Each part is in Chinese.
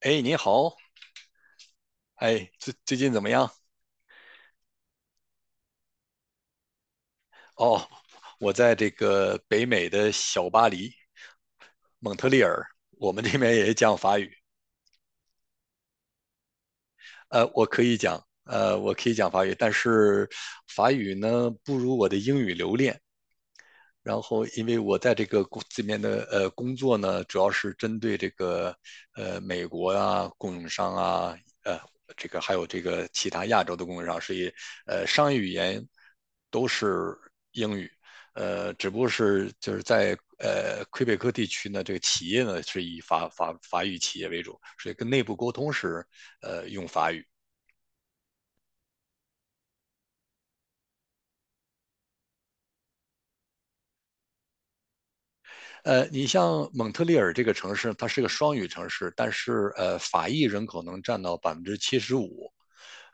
哎，你好。哎，最近怎么样？哦，我在这个北美的小巴黎，蒙特利尔，我们这边也讲法语。我可以讲，我可以讲法语，但是法语呢不如我的英语流利。然后，因为我在这个公这边的呃工作呢，主要是针对这个美国啊供应商啊，呃这个还有这个其他亚洲的供应商，所以商业语言都是英语。只不过是就是在魁北克地区呢，这个企业呢是以法语企业为主，所以跟内部沟通时，用法语。你像蒙特利尔这个城市，它是个双语城市，但是法裔人口能占到75%，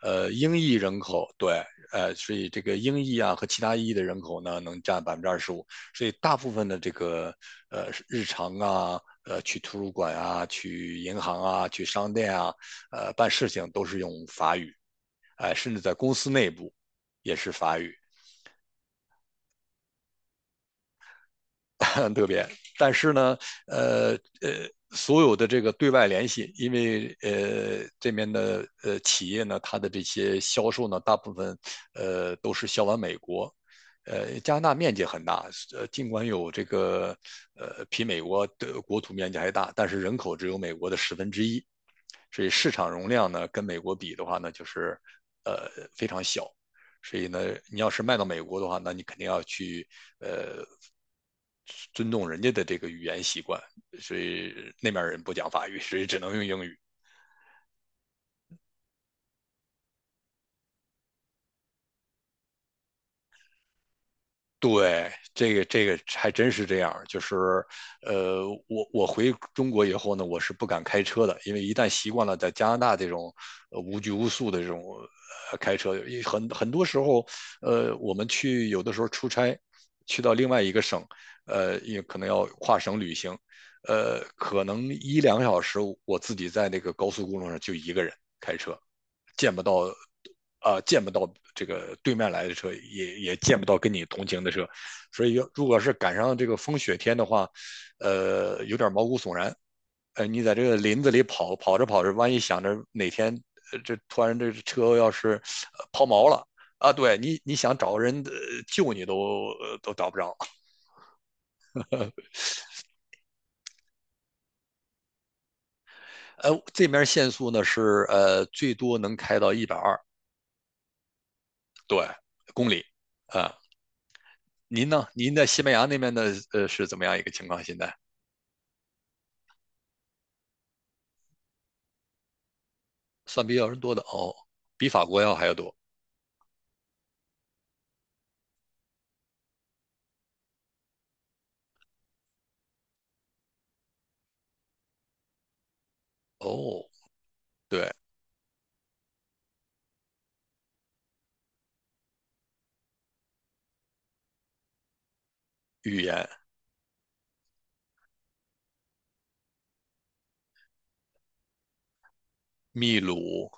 英裔人口对。所以这个英裔啊和其他裔的人口呢，能占25%，所以大部分的这个日常啊，去图书馆啊，去银行啊，去商店啊，办事情都是用法语，哎、甚至在公司内部也是法语。很特别。但是呢，呃所有的这个对外联系，因为这边的企业呢，它的这些销售呢，大部分都是销往美国。加拿大面积很大，尽管有这个比美国的国土面积还大，但是人口只有美国的1/10，所以市场容量呢跟美国比的话呢，就是呃非常小。所以呢，你要是卖到美国的话，那你肯定要去呃尊重人家的这个语言习惯，所以那边人不讲法语，所以只能用英语。对，这个这个还真是这样，就是，我回中国以后呢，我是不敢开车的，因为一旦习惯了在加拿大这种无拘无束的这种开车，很多时候，我们去有的时候出差，去到另外一个省，也可能要跨省旅行，可能一两个小时，我自己在那个高速公路上就一个人开车，见不到。啊，见不到这个对面来的车，也见不到跟你同行的车，所以要如果是赶上这个风雪天的话，有点毛骨悚然。你在这个林子里跑，跑着跑着，万一想着哪天，这突然这车要是抛锚了。啊，对你，你想找人救你都都找不着。这面限速呢是最多能开到120。对，公里啊、您呢？您在西班牙那边的是怎么样一个情况？现在算比较人多的哦，比法国要还要多哦。对，语言。秘鲁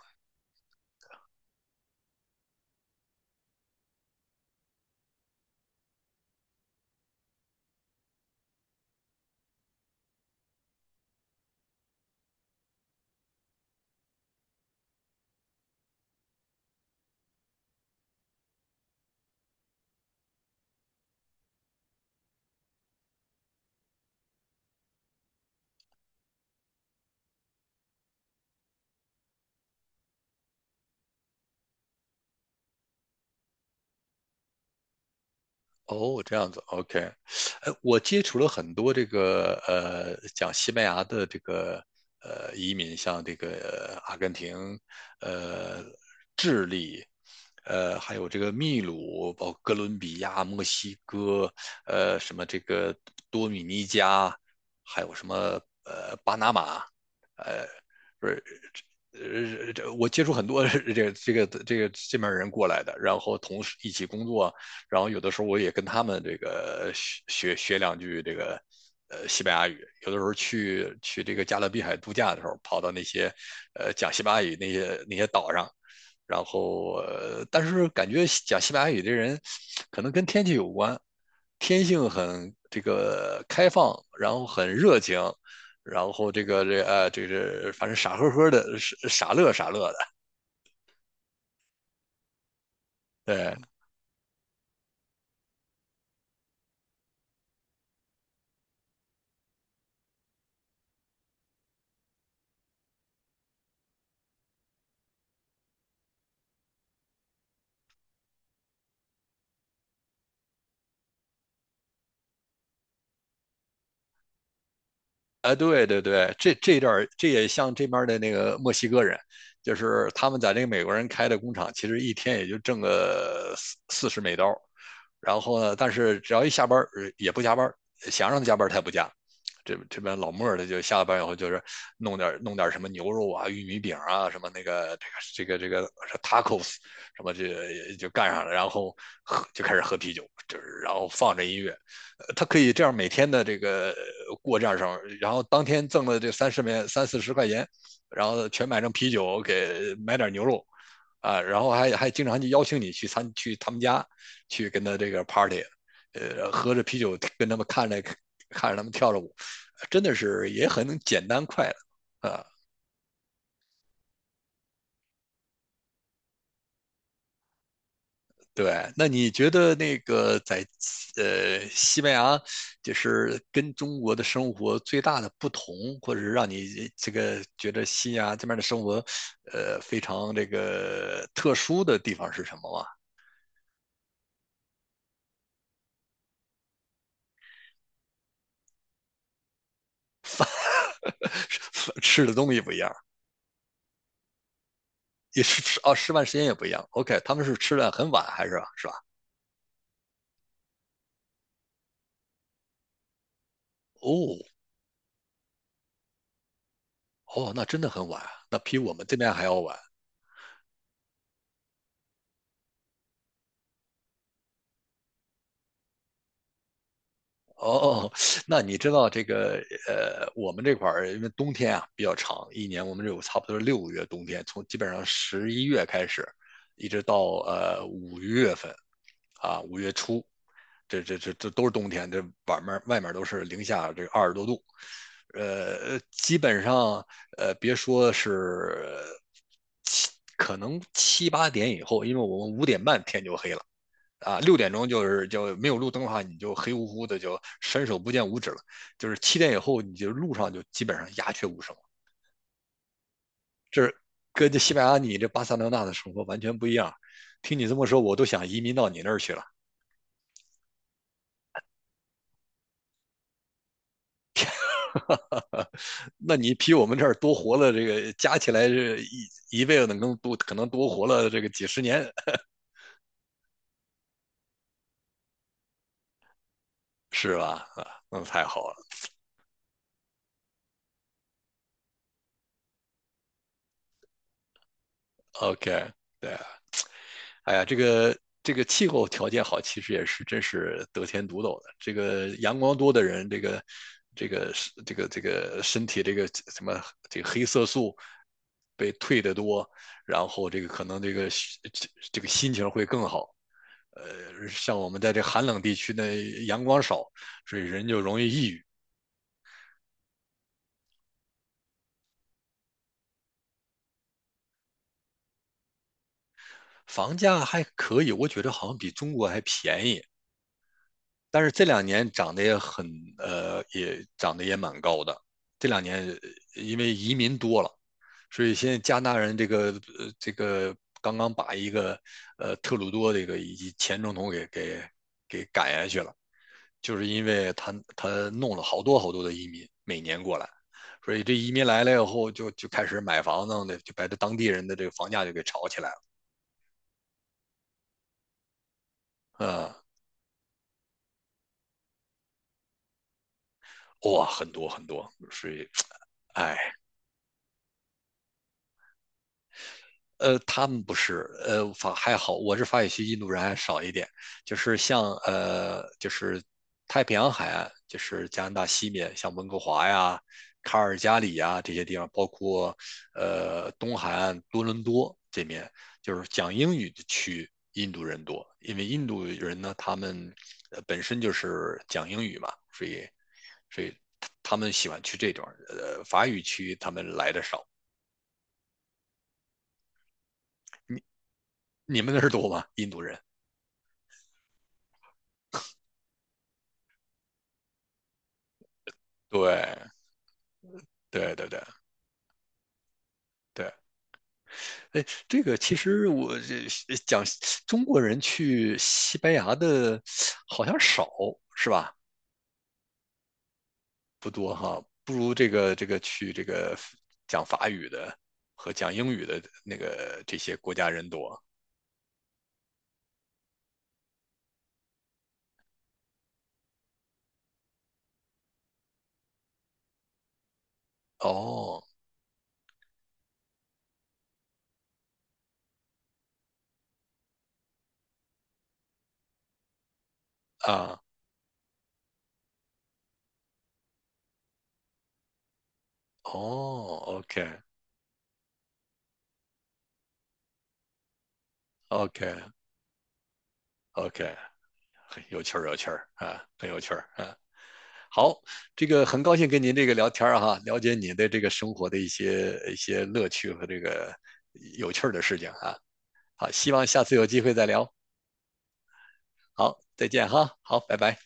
哦，这样子，OK。哎，我接触了很多这个讲西班牙的这个移民，像这个阿根廷，呃还有这个秘鲁，包括哥伦比亚、墨西哥，什么这个多米尼加，还有什么巴拿马。呃，不是，这我接触很多 这个这边人过来的，然后同时一起工作，然后有的时候我也跟他们这个学学两句这个西班牙语，有的时候去这个加勒比海度假的时候，跑到那些讲西班牙语那些岛上。然后，但是感觉讲西班牙语的人，可能跟天气有关。天性很这个开放，然后很热情，然后这个这啊这是反正傻呵呵的，傻乐傻乐的。对，哎对对对，这段也像这边的那个墨西哥人，就是他们在那个美国人开的工厂，其实一天也就挣个四十美刀，然后呢，但是只要一下班也不加班，想让他加班他也不加，这这边老莫儿他就下了班以后就是弄点什么牛肉啊、玉米饼啊、什么那个这个 tacos 什么这就干上了，然后喝就开始喝啤酒，就是然后放着音乐，他可以这样每天的这个过这样生活，然后当天挣了这三四十块钱，然后全买成啤酒给买点牛肉啊，然后还经常就邀请你去去他们家去跟他这个 party。喝着啤酒跟他们看着他们跳着舞。真的是也很简单快乐啊。对，那你觉得那个在西班牙，就是跟中国的生活最大的不同，或者是让你这个觉得西班牙这边的生活，非常这个特殊的地方是什么吗？饭 吃的东西不一样。也是吃哦，吃饭时间也不一样。OK，他们是吃的很晚还是是吧？哦哦，那真的很晚啊，那比我们这边还要晚。哦，那你知道这个我们这块儿因为冬天啊比较长，一年我们有差不多6个月冬天，从基本上11月开始，一直到五月份啊，五月初，这都是冬天，这外面外面都是零下这20多度，基本上别说是可能七八点以后，因为我们5点半天就黑了。啊，6点钟就是就没有路灯的话，你就黑乎乎的，就伸手不见五指了。就是7点以后，你就路上就基本上鸦雀无声了，跟这西班牙你这巴塞罗那的生活完全不一样。听你这么说，我都想移民到你那儿去了。那你比我们这儿多活了，这个加起来这一辈子能多可能多活了这个几十年，是吧？啊，那太好了。OK，对。哎呀，这个这个气候条件好，其实也是真是得天独厚的。这个阳光多的人，这个这个身体这个什么这个黑色素被退得多，然后这个可能这个这这个心情会更好。像我们在这寒冷地区呢，阳光少，所以人就容易抑郁。房价还可以，我觉得好像比中国还便宜。但是这两年涨得也很，也涨得也蛮高的。这两年因为移民多了，所以现在加拿大人这个这个刚刚把一个特鲁多这个以及前总统给赶下去了，就是因为他弄了好多好多的移民每年过来，所以这移民来了以后就开始买房子的，就把这当地人的这个房价就给炒起来了。嗯，哇，很多很多，所以哎，他们不是，法还好，我是法语区印度人还少一点。就是像就是太平洋海岸，就是加拿大西面，像温哥华呀、卡尔加里呀这些地方，包括东海岸多伦多这面，就是讲英语的区，印度人多，因为印度人呢，他们本身就是讲英语嘛，所以所以他们喜欢去这段儿，法语区他们来的少。你们那儿多吗？印度人？对，对对。哎，这个其实我这讲中国人去西班牙的好像少，是吧？不多哈，不如这个这个去这个讲法语的和讲英语的那个这些国家人多。哦啊哦，OK OK OK，很有趣儿有趣儿啊，很有趣儿啊。好，这个很高兴跟您这个聊天儿哈，了解你的这个生活的一些乐趣和这个有趣儿的事情啊。好，希望下次有机会再聊。好，再见哈。好，拜拜。